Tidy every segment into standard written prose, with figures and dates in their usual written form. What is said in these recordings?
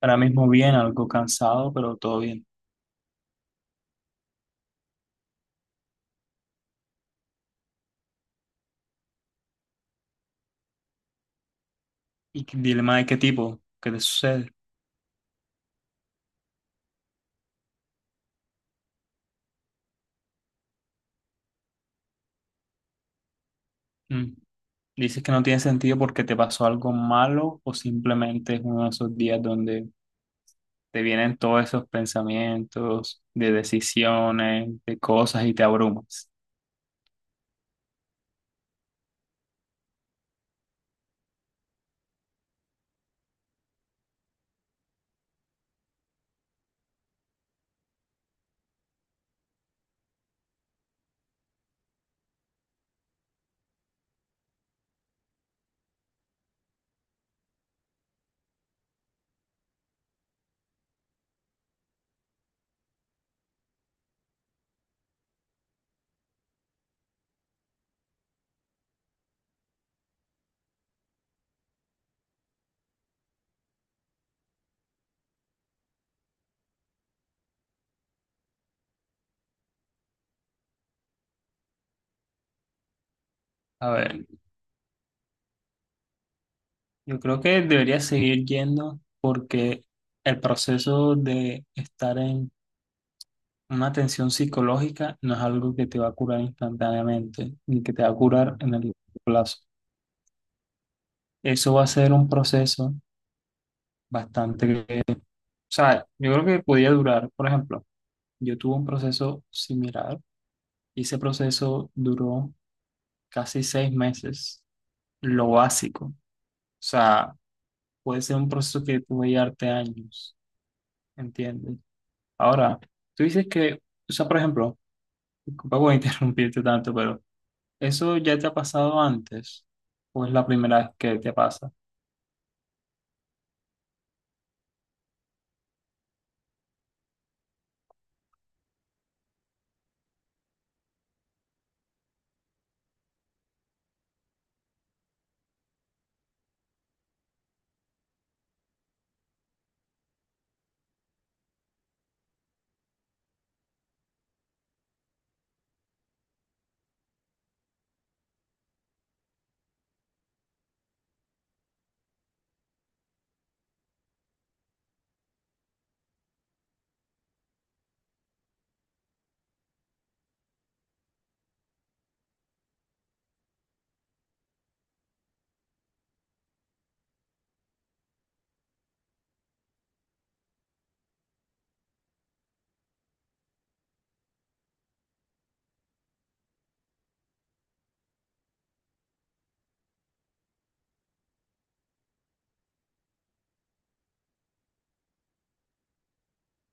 Ahora mismo bien, algo cansado, pero todo bien. ¿Y dilema de qué tipo? ¿Qué te sucede? Mm. Dices que no tiene sentido porque te pasó algo malo o simplemente es uno de esos días donde te vienen todos esos pensamientos de decisiones, de cosas y te abrumas. A ver, yo creo que deberías seguir yendo porque el proceso de estar en una tensión psicológica no es algo que te va a curar instantáneamente ni que te va a curar en el plazo. Eso va a ser un proceso bastante, o sea, yo creo que podía durar. Por ejemplo, yo tuve un proceso similar y ese proceso duró casi 6 meses, lo básico, o sea, puede ser un proceso que puede llevarte años, ¿entiendes? Ahora, tú dices que, o sea, por ejemplo, disculpa por interrumpirte tanto, pero ¿eso ya te ha pasado antes o es la primera vez que te pasa?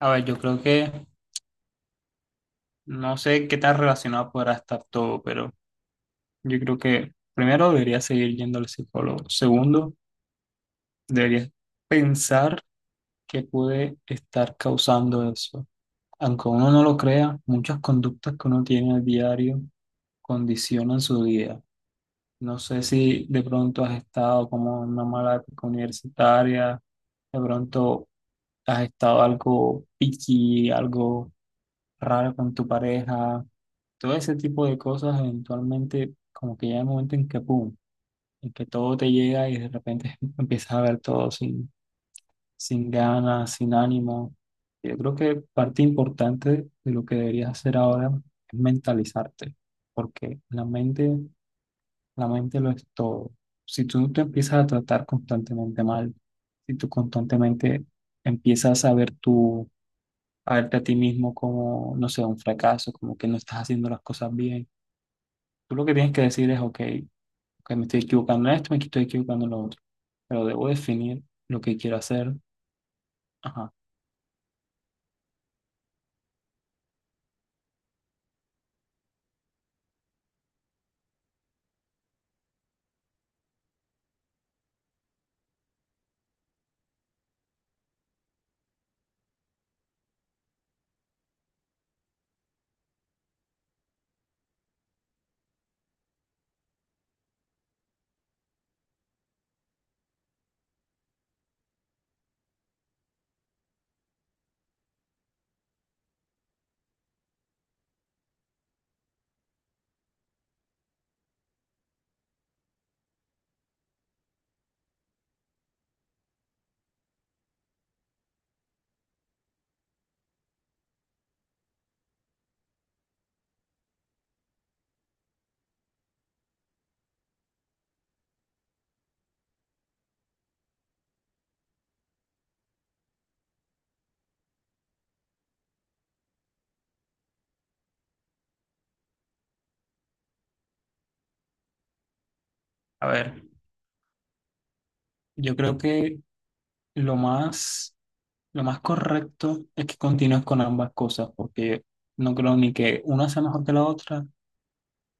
A ver, yo creo que no sé qué tan relacionado podrá estar todo, pero yo creo que primero debería seguir yendo al psicólogo. Segundo, debería pensar qué puede estar causando eso. Aunque uno no lo crea, muchas conductas que uno tiene al diario condicionan su vida. No sé si de pronto has estado como en una mala época universitaria, de pronto has estado algo picky, algo raro con tu pareja, todo ese tipo de cosas eventualmente como que llega el momento en que, ¡pum!, en que todo te llega y de repente empiezas a ver todo sin, sin ganas, sin ánimo. Yo creo que parte importante de lo que deberías hacer ahora es mentalizarte, porque la mente lo es todo. Si tú te empiezas a tratar constantemente mal, si tú constantemente empiezas a ver a verte a ti mismo como, no sé, un fracaso, como que no estás haciendo las cosas bien, tú lo que tienes que decir es, ok, ok, me estoy equivocando en esto, me estoy equivocando en lo otro. Pero debo definir lo que quiero hacer. Ajá. A ver, yo creo que lo más, lo más correcto es que continúes con ambas cosas, porque no creo ni que una sea mejor que la otra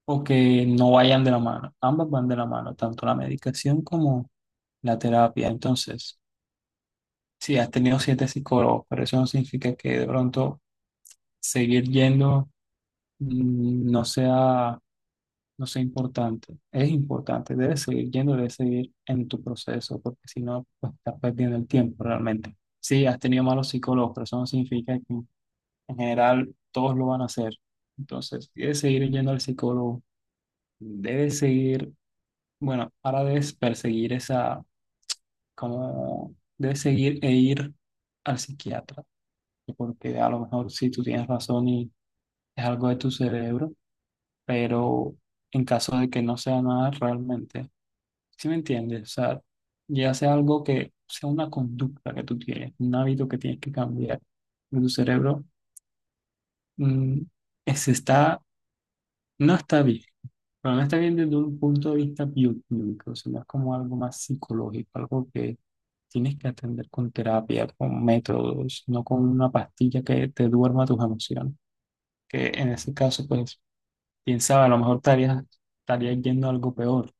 o que no vayan de la mano. Ambas van de la mano, tanto la medicación como la terapia. Entonces, si has tenido 7 psicólogos, pero eso no significa que de pronto seguir yendo no sea, no sé, importante, es importante. Debes seguir yendo, debes seguir en tu proceso, porque si no, pues estás perdiendo el tiempo realmente. Sí, has tenido malos psicólogos, pero eso no significa que en general todos lo van a hacer. Entonces, debes seguir yendo al psicólogo, debes seguir, bueno, ahora debes perseguir esa, como, debes seguir e ir al psiquiatra, porque a lo mejor sí tú tienes razón y es algo de tu cerebro, pero en caso de que no sea nada realmente. ¿Sí me entiendes? O sea, ya sea algo que sea una conducta que tú tienes, un hábito que tienes que cambiar. De tu cerebro mm, está, no está bien, pero no está bien desde un punto de vista bioquímico, sino es como algo más psicológico, algo que tienes que atender con terapia, con métodos, no con una pastilla que te duerma tus emociones. Que en ese caso, pues, piensaba, a lo mejor estarías yendo a algo peor.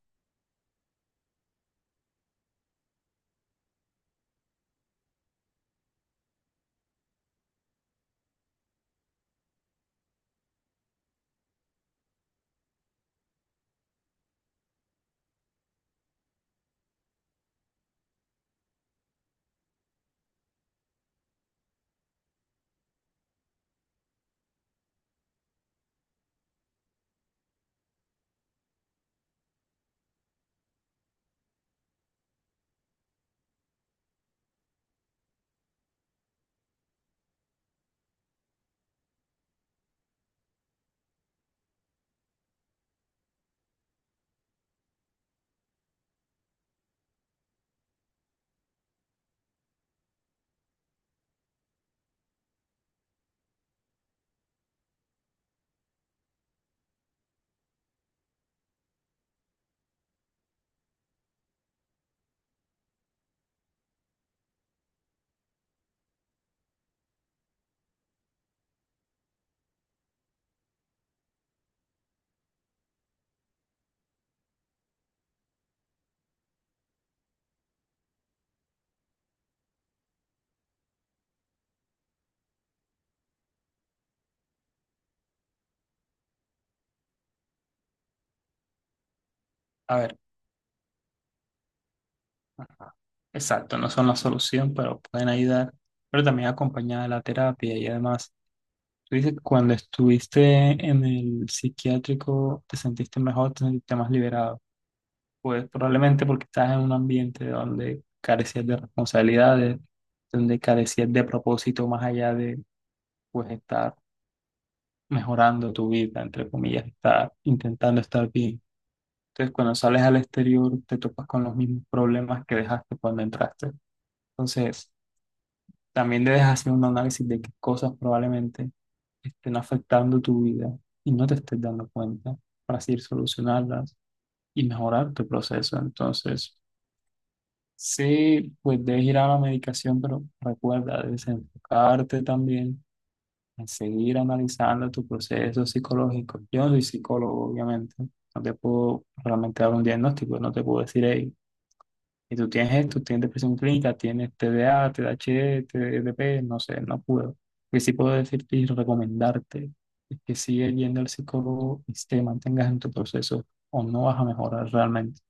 A ver. Ajá. Exacto, no son la solución, pero pueden ayudar, pero también acompañada de la terapia. Y además, tú dices que cuando estuviste en el psiquiátrico te sentiste mejor, te sentiste más liberado, pues probablemente porque estás en un ambiente donde carecías de responsabilidades, donde carecías de propósito más allá de pues estar mejorando tu vida, entre comillas, estar intentando estar bien. Entonces, cuando sales al exterior te topas con los mismos problemas que dejaste cuando entraste. Entonces, también debes hacer un análisis de qué cosas probablemente estén afectando tu vida y no te estés dando cuenta para así solucionarlas y mejorar tu proceso. Entonces, sí, pues debes ir a la medicación, pero recuerda, debes enfocarte también en seguir analizando tu proceso psicológico. Yo no soy psicólogo, obviamente. No te puedo realmente dar un diagnóstico, no te puedo decir, hey, y tú tienes esto, tienes depresión clínica, tienes TDA, TDAH, TDP, no sé, no puedo. Lo que sí puedo decirte y recomendarte es que sigue yendo al psicólogo y te mantengas en tu proceso o no vas a mejorar realmente.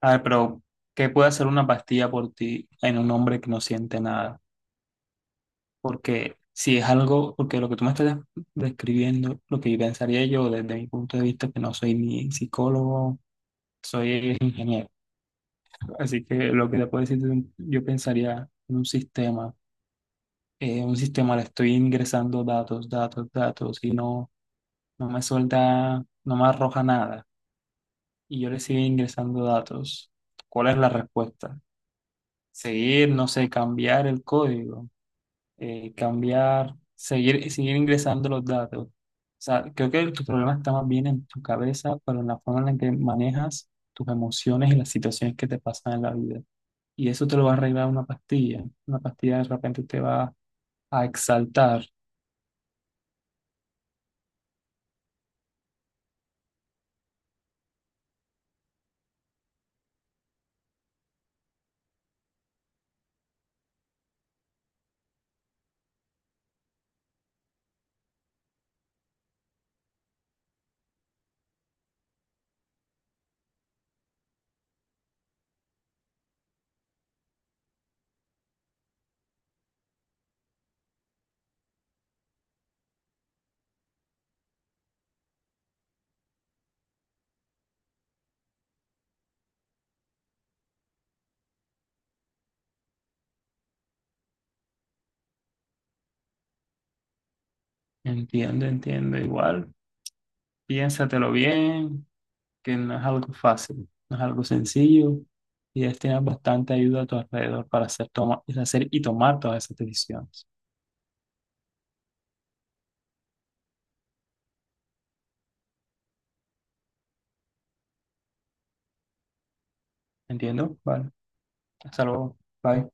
A ver, pero ¿qué puede hacer una pastilla por ti en un hombre que no siente nada? Porque si es algo, porque lo que tú me estás describiendo, lo que pensaría yo desde mi punto de vista, que no soy ni psicólogo, soy ingeniero. Así que lo que le puedo decir, es yo pensaría en un sistema. Un sistema le estoy ingresando datos, datos, datos y no, no me suelta, no me arroja nada. Y yo le sigo ingresando datos. ¿Cuál es la respuesta? Seguir, no sé, cambiar el código, cambiar, seguir, seguir ingresando los datos. O sea, creo que tu problema está más bien en tu cabeza, pero en la forma en la que manejas tus emociones y las situaciones que te pasan en la vida. Y eso te lo va a arreglar una pastilla. Una pastilla de repente te va a exaltar. Entiende, entiende. Igual, piénsatelo bien, que no es algo fácil, no es algo sencillo y es tener bastante ayuda a tu alrededor para hacer, toma, hacer y tomar todas esas decisiones. ¿Entiendo? Vale. Hasta luego. Bye.